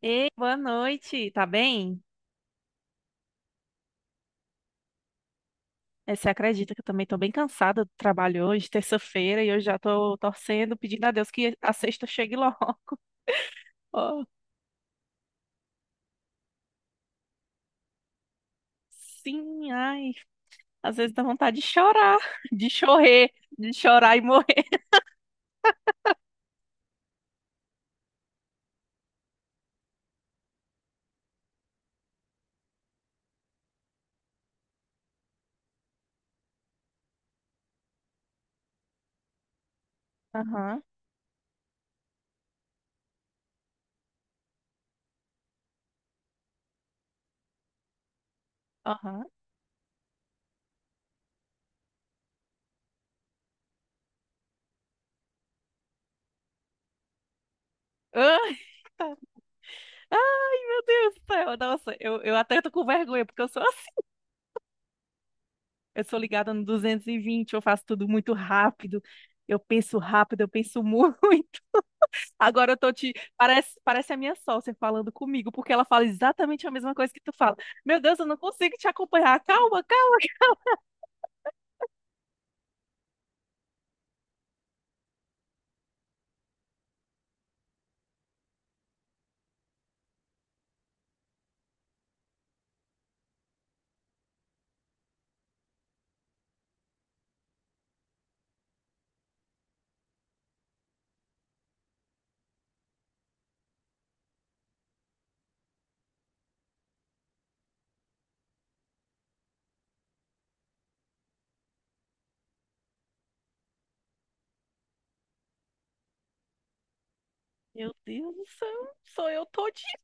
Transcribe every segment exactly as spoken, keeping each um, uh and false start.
Ei, boa noite, tá bem? Eh, Você acredita que eu também tô bem cansada do trabalho hoje, terça-feira, e eu já tô torcendo, pedindo a Deus que a sexta chegue logo. Oh, sim, ai, às vezes dá vontade de chorar, de chorar, de chorar e morrer. Aham, aham. Ai, tá. Ai, meu Deus do céu, nossa, eu, eu até tô com vergonha, porque eu sou assim, eu sou ligada no duzentos e vinte, eu faço tudo muito rápido, eu penso rápido, eu penso muito. Agora eu tô te. Parece, parece a minha sócia falando comigo, porque ela fala exatamente a mesma coisa que tu fala. Meu Deus, eu não consigo te acompanhar. Calma, calma. Meu Deus do céu, sou eu todinha,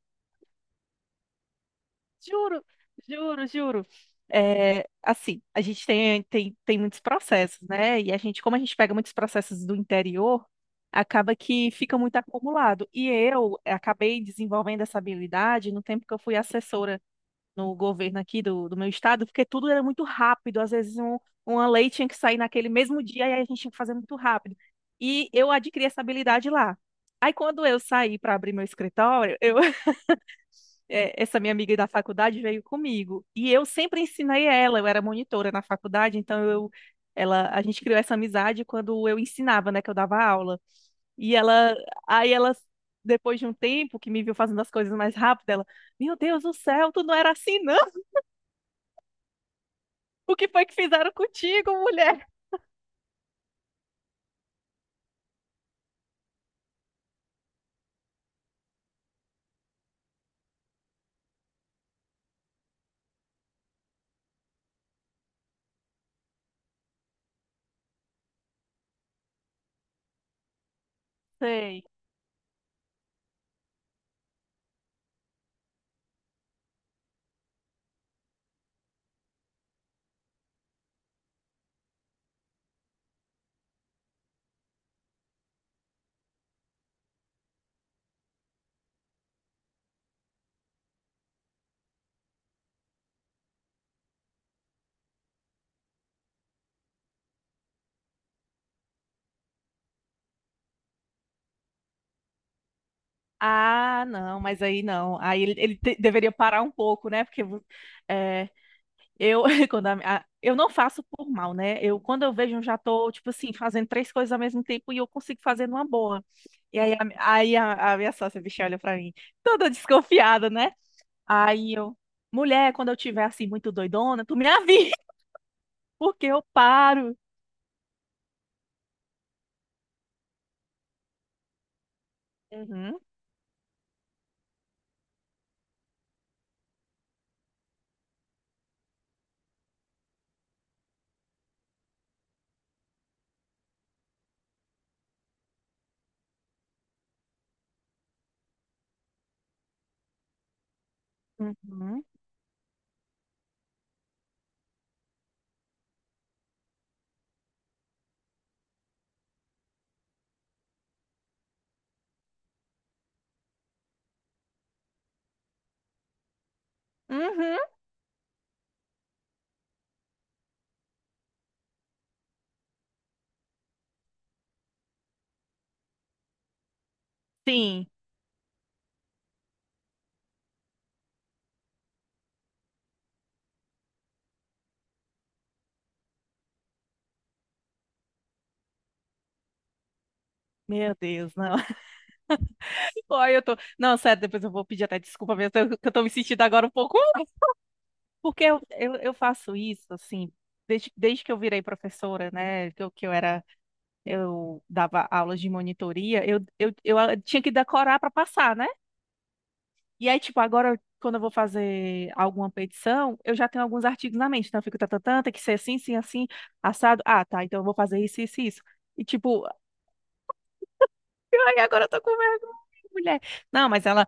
juro, juro, juro. É, assim, a gente tem, tem, tem muitos processos, né? E a gente, como a gente pega muitos processos do interior, acaba que fica muito acumulado. E eu acabei desenvolvendo essa habilidade no tempo que eu fui assessora no governo aqui do, do meu estado, porque tudo era muito rápido. Às vezes um, uma lei tinha que sair naquele mesmo dia e aí a gente tinha que fazer muito rápido. E eu adquiri essa habilidade lá. Aí quando eu saí para abrir meu escritório, eu, eh, essa minha amiga da faculdade veio comigo. E eu sempre ensinei ela, eu era monitora na faculdade, então eu, ela, a gente criou essa amizade quando eu ensinava, né, que eu dava aula. E ela, aí ela, depois de um tempo que me viu fazendo as coisas mais rápido, ela, meu Deus do céu, tu não era assim, não. O que foi que fizeram contigo, mulher? Sei. Ah, não, mas aí não. Aí ele, ele te- deveria parar um pouco, né? Porque é, eu, quando a, a- eu não faço por mal, né? Eu, quando eu vejo, eu já tô, tipo assim, fazendo três coisas ao mesmo tempo e eu consigo fazer numa boa. E aí, a, aí a, a minha sócia, bicha, olha pra mim, toda desconfiada, né? Aí eu, mulher, quando eu tiver assim, muito doidona, tu me avisa, porque eu paro. Uhum, uhum, uhum, sim. Meu Deus, não. Ai, eu tô. Não, sério, depois eu vou pedir até desculpa mesmo, que eu que eu tô me sentindo agora um pouco. "Ah", Porque eu, eu, eu faço isso, assim, desde, desde que eu virei professora, né? Que eu, que eu era. Eu dava aulas de monitoria, eu, eu, eu ah, tinha que decorar pra passar, né? E aí, tipo, agora, quando eu vou fazer alguma petição, eu já tenho alguns artigos na mente. Então, eu fico, tatatã, tem que ser assim, assim, assim, assado. Ah, tá, então eu vou fazer isso, isso, isso. E, tipo, ai, agora eu tô com vergonha, mulher. Não, mas ela.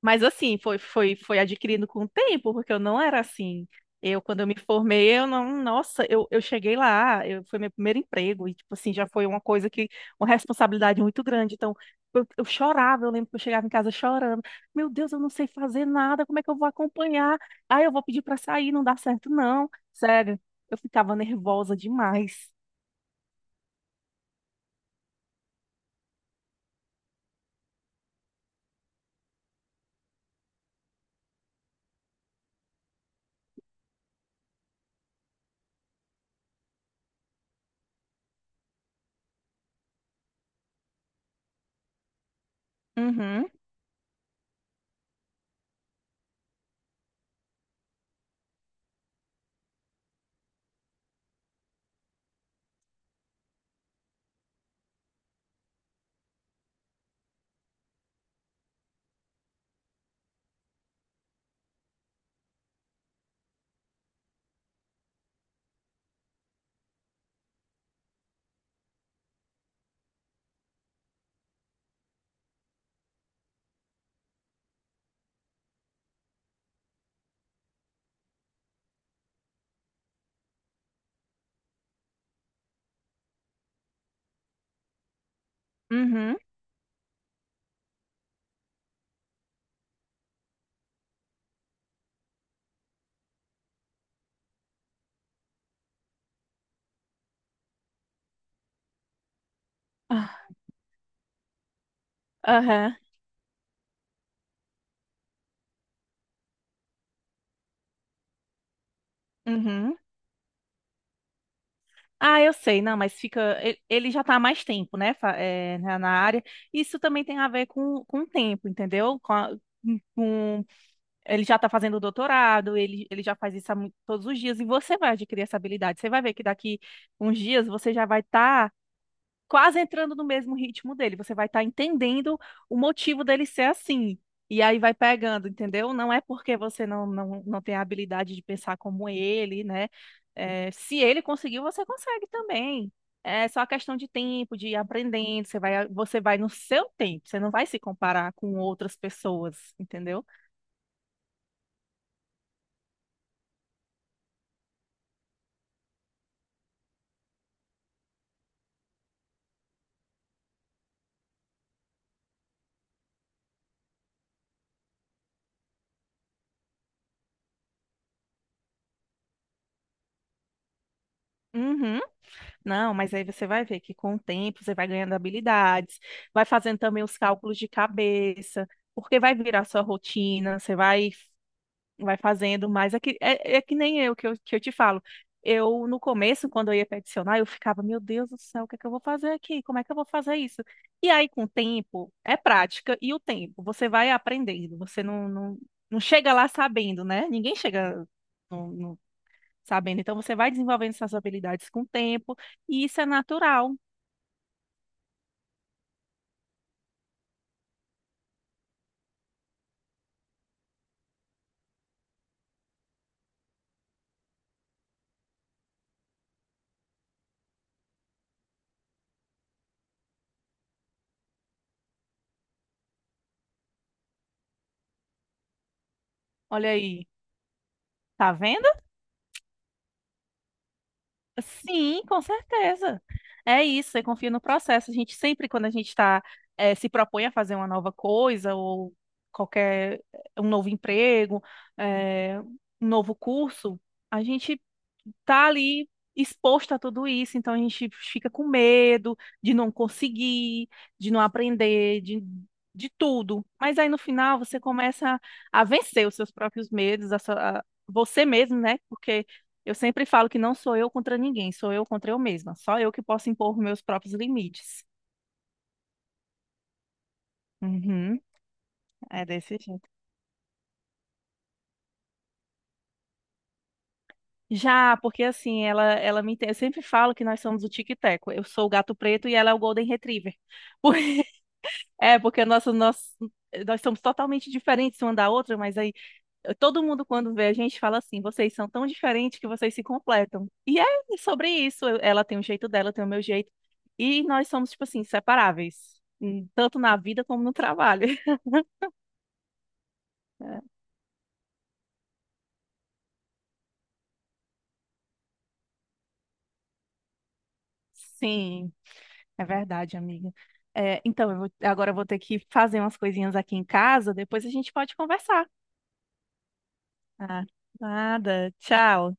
Mas assim, foi, foi, foi adquirindo com o tempo, porque eu não era assim. Eu, quando eu me formei, eu não, nossa, eu, eu cheguei lá, eu, foi meu primeiro emprego, e tipo assim, já foi uma coisa que, uma responsabilidade muito grande. Então, eu, eu chorava, eu lembro que eu chegava em casa chorando. Meu Deus, eu não sei fazer nada, como é que eu vou acompanhar? Ah, eu vou pedir pra sair, não dá certo, não. Sério, eu ficava nervosa demais. Uhum, uhum. Ah, Aham, uhum. Ah, eu sei, não, mas fica. Ele ele já está há mais tempo, né, fa- é, na na área. Isso também tem a ver com, com o tempo, entendeu? Com a- com- ele já está fazendo doutorado, ele, ele já faz isso há mu- todos os dias, e você vai adquirir essa habilidade. Você vai ver que daqui uns dias você já vai estar quase entrando no mesmo ritmo dele. Você vai estar entendendo o motivo dele ser assim. E aí vai pegando, entendeu? Não é porque você não, não, não tem a habilidade de pensar como ele, né? É, se ele conseguiu, você consegue também. É só questão de tempo, de ir aprendendo. Você vai, você vai no seu tempo. Você não vai se comparar com outras pessoas, entendeu? Uhum. Não, mas aí você vai ver que com o tempo você vai ganhando habilidades, vai fazendo também os cálculos de cabeça, porque vai virar sua rotina, você vai, vai fazendo mais. É que, é, é que nem eu que, eu que eu te falo. Eu, no começo, quando eu ia peticionar, eu ficava, meu Deus do céu, o que é que eu vou fazer aqui? Como é que eu vou fazer isso? E aí, com o tempo, é prática e o tempo, você vai aprendendo, você não, não, não chega lá sabendo, né? Ninguém chega sabendo? Então você vai desenvolvendo essas habilidades com o tempo e isso é natural. Olha aí, tá vendo? Sim, com certeza. É isso, eu confio no processo. A gente sempre, quando a gente está, se propõe a fazer uma nova coisa ou qualquer eh, um novo emprego, eh, um novo curso, a gente tá ali exposto a tudo isso, então a gente fica com medo de não conseguir, de não aprender, de, de tudo. Mas aí no final você começa a vencer os seus próprios medos, a sua- a- você mesmo, né? Porque eu sempre falo que não sou eu contra ninguém, sou eu contra eu mesma. Só eu que posso impor meus próprios limites. Uhum, é desse jeito. Já, porque assim, ela, ela me entende. Eu sempre falo que nós somos o Tic e Teco. Eu sou o gato preto e ela é o Golden Retriever. Por- É, porque nosso, nosso, nós somos totalmente diferentes uma da outra, mas aí todo mundo quando vê a gente fala assim: vocês são tão diferentes que vocês se completam. E é sobre isso. Eu- Ela tem o jeito dela, eu tenho o meu jeito. E nós somos, tipo assim, separáveis, hum, tanto na vida como no trabalho. É, Sim, é verdade, amiga. É, então, eu vou- agora eu vou ter que fazer umas coisinhas aqui em casa, depois a gente pode conversar. Ah, nada. Tchau.